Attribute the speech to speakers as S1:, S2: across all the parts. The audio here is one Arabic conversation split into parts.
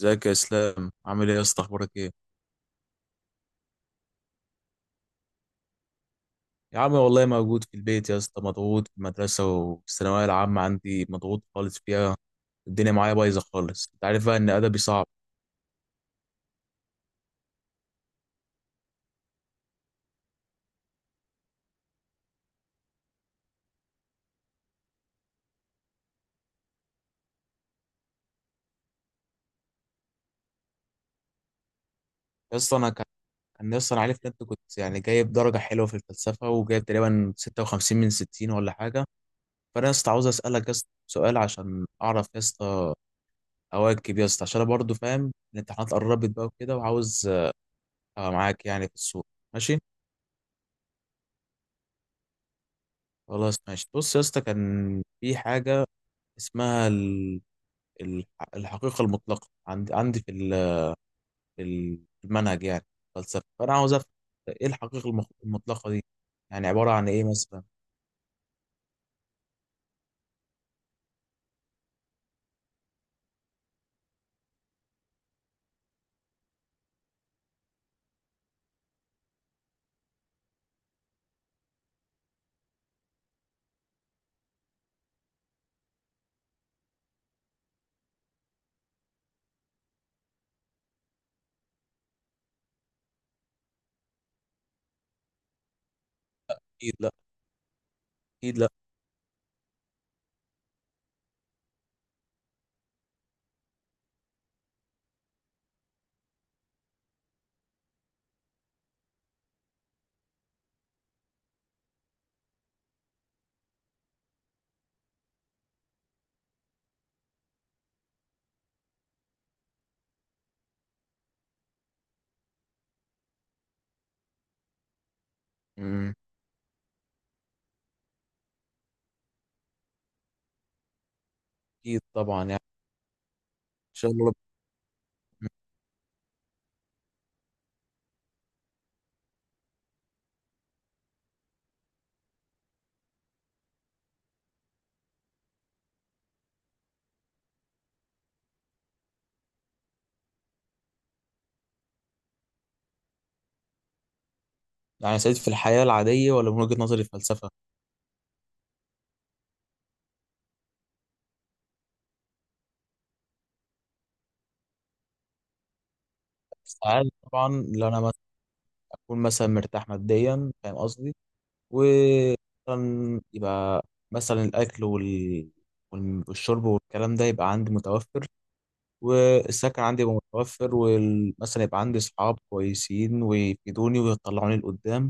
S1: ازيك يا اسلام؟ عامل ايه يا اسطى؟ اخبارك ايه؟ يا عم والله موجود في البيت يا اسطى، مضغوط في المدرسه والثانويه العامه، عندي مضغوط خالص فيها. الدنيا معايا بايظه خالص، انت عارف بقى ان ادبي صعب. يا اسطى انا كان كان يا اسطى، انا عارف ان انت كنت يعني جايب درجه حلوه في الفلسفه، وجايب تقريبا 56 من 60 ولا حاجه. فانا يا اسطى عاوز اسالك يا اسطى سؤال عشان اعرف يا اسطى، اواكب يا اسطى، عشان انا برضه فاهم الامتحانات قربت بقى وكده، وعاوز ابقى معاك يعني في السوق. ماشي. خلاص ماشي. بص يا اسطى، كان في حاجه اسمها ال- الحقيقة المطلقة، عندي في في المنهج يعني فلسفة. فأنا عاوز أفهم إيه الحقيقة المطلقة دي، يعني عبارة عن إيه مثلا؟ أكيد لأ. أكيد لأ. أمم، أكيد طبعا. يعني إن شاء الله يعني سعيد في الحياة العادية، ولا من وجهة نظري الفلسفة؟ السعادة طبعا، لو أنا مثلا أكون مثلا مرتاح ماديا، فاهم قصدي؟ ومثلا يبقى مثلا الأكل والشرب والكلام ده يبقى عندي متوفر، والسكن عندي يبقى متوفر، ومثلا يبقى عندي صحاب كويسين ويفيدوني ويطلعوني لقدام،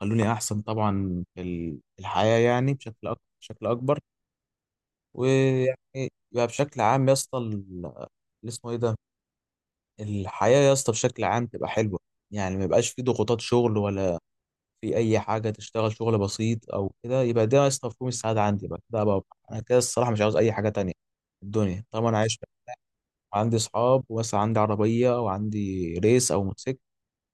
S1: خلوني احسن طبعا في في الحياة، يعني بشكل أكبر، بشكل اكبر. ويعني يبقى بشكل عام يا اسطى، اللي اسمه ايه ده، الحياة يا اسطى بشكل عام تبقى حلوة، يعني ما يبقاش في ضغوطات شغل ولا في اي حاجة، تشتغل شغل بسيط او كده، يبقى ده يا اسطى مفهوم السعادة عندي بقى، ده بقى انا كده الصراحة مش عاوز اي حاجة تانية في الدنيا طالما انا عايش، عندي اصحاب، واسع، عندي عربيه وعندي ريس او موتوسيكل،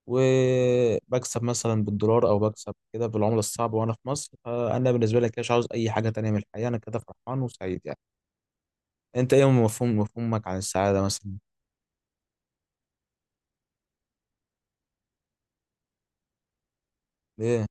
S1: وبكسب مثلا بالدولار او بكسب كده بالعمله الصعبه وانا في مصر، فانا بالنسبه لي كده مش عاوز اي حاجه تانية من الحياه، انا كده فرحان وسعيد يعني. انت ايه مفهوم مفهومك عن السعاده مثلا؟ ايه؟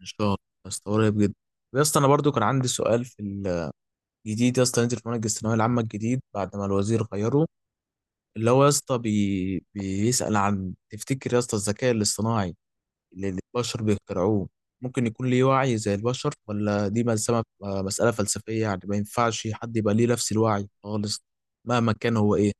S1: ان شاء الله. يا اسطى قريب جدا. يا اسطى انا برضو كان عندي سؤال في الجديد يا اسطى، نزل في منهج الثانويه العامه الجديد بعد ما الوزير غيره، اللي هو يا اسطى بيسال عن، تفتكر يا اسطى الذكاء الاصطناعي اللي البشر بيخترعوه ممكن يكون ليه وعي زي البشر، ولا دي مسألة فلسفية يعني ما ينفعش حد يبقى ليه نفس الوعي خالص مهما كان هو ايه؟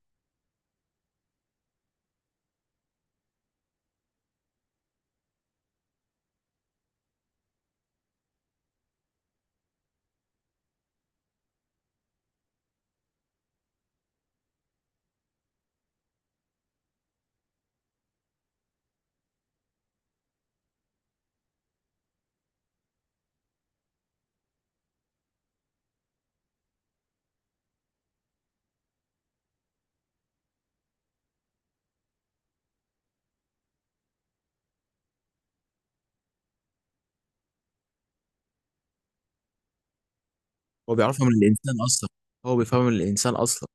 S1: هو بيعرفها من الإنسان أصلا، هو بيفهمها من الإنسان أصلا.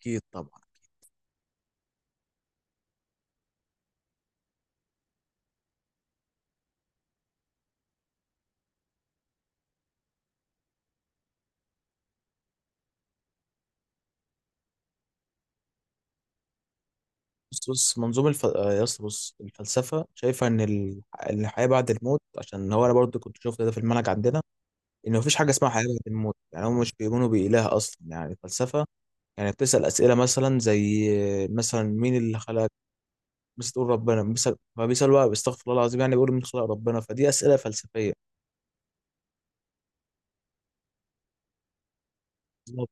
S1: أكيد طبعا. بص منظومة الف... آه، يا اسطى، بص الفلسفة شايفة إن إن الحياة بعد الموت، عشان هو أنا برضه كنت شفت ده في المنهج عندنا، إن مفيش حاجة اسمها حياة بعد الموت، يعني هم مش بيؤمنوا بإله أصلا يعني الفلسفة، يعني بتسأل أسئلة مثلا زي مثلا مين اللي خلق، بس تقول ربنا بيسأل، فبيسأل بقى، بيستغفر الله العظيم، يعني بيقول من خلق ربنا، فدي أسئلة فلسفية. بالظبط.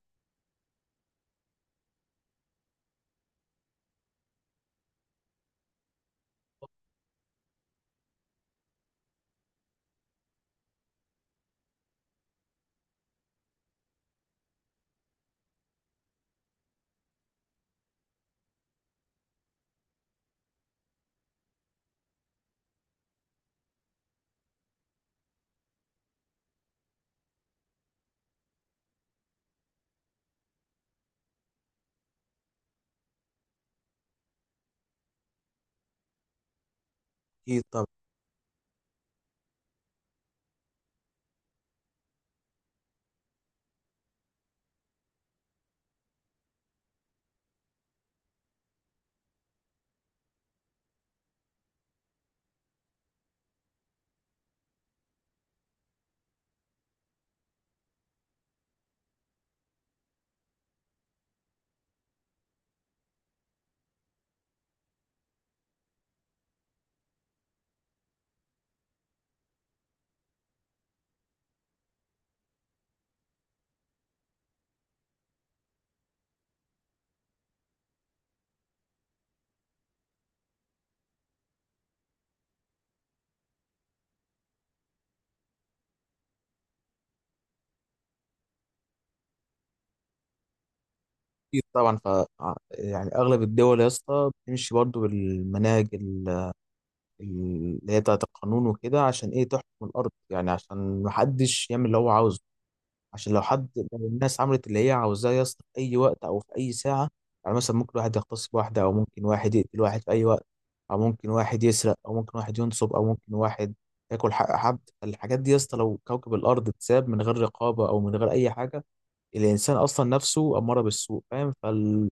S1: أكيد طبعا. أكيد طبعا. ف ع- يعني أغلب الدول يا اسطى بتمشي برضو بالمناهج اللي هي بتاعت القانون وكده، عشان إيه؟ تحكم الأرض، يعني عشان محدش يعمل اللي هو عاوزه، عشان لو حد، لو الناس عملت اللي هي عاوزاه يا اسطى في اي وقت او في اي ساعه، يعني مثلا ممكن واحد يغتصب واحده، او ممكن واحد يقتل واحد في اي وقت، او ممكن واحد يسرق، او ممكن واحد ينصب، او ممكن واحد ياكل حق حد. الحاجات دي يا اسطى، لو كوكب الارض اتساب من غير رقابه او من غير اي حاجه، الانسان اصلا نفسه اماره بالسوء، فاهم؟ فهو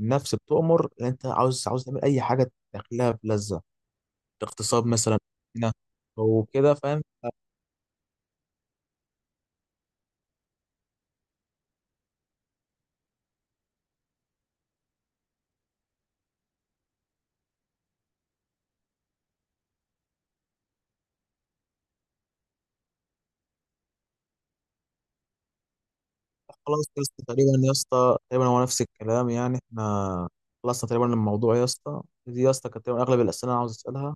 S1: النفس بتؤمر ان انت عاوز، تعمل اي حاجه تدخلها بلذه، اغتصاب مثلا، هنا او كده، فاهم؟ خلاص يا اسطى، تقريبا يا اسطى تقريبا هو نفس الكلام، يعني احنا خلصنا تقريبا الموضوع يا اسطى، دي يا اسطى كانت تقريبا اغلب الاسئله انا عاوز اسالها،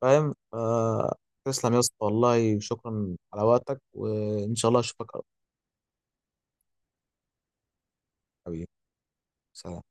S1: فاهم؟ آه. تسلم يا اسطى، والله شكرا على وقتك، وان شاء الله اشوفك قريب. حبيبي، سلام.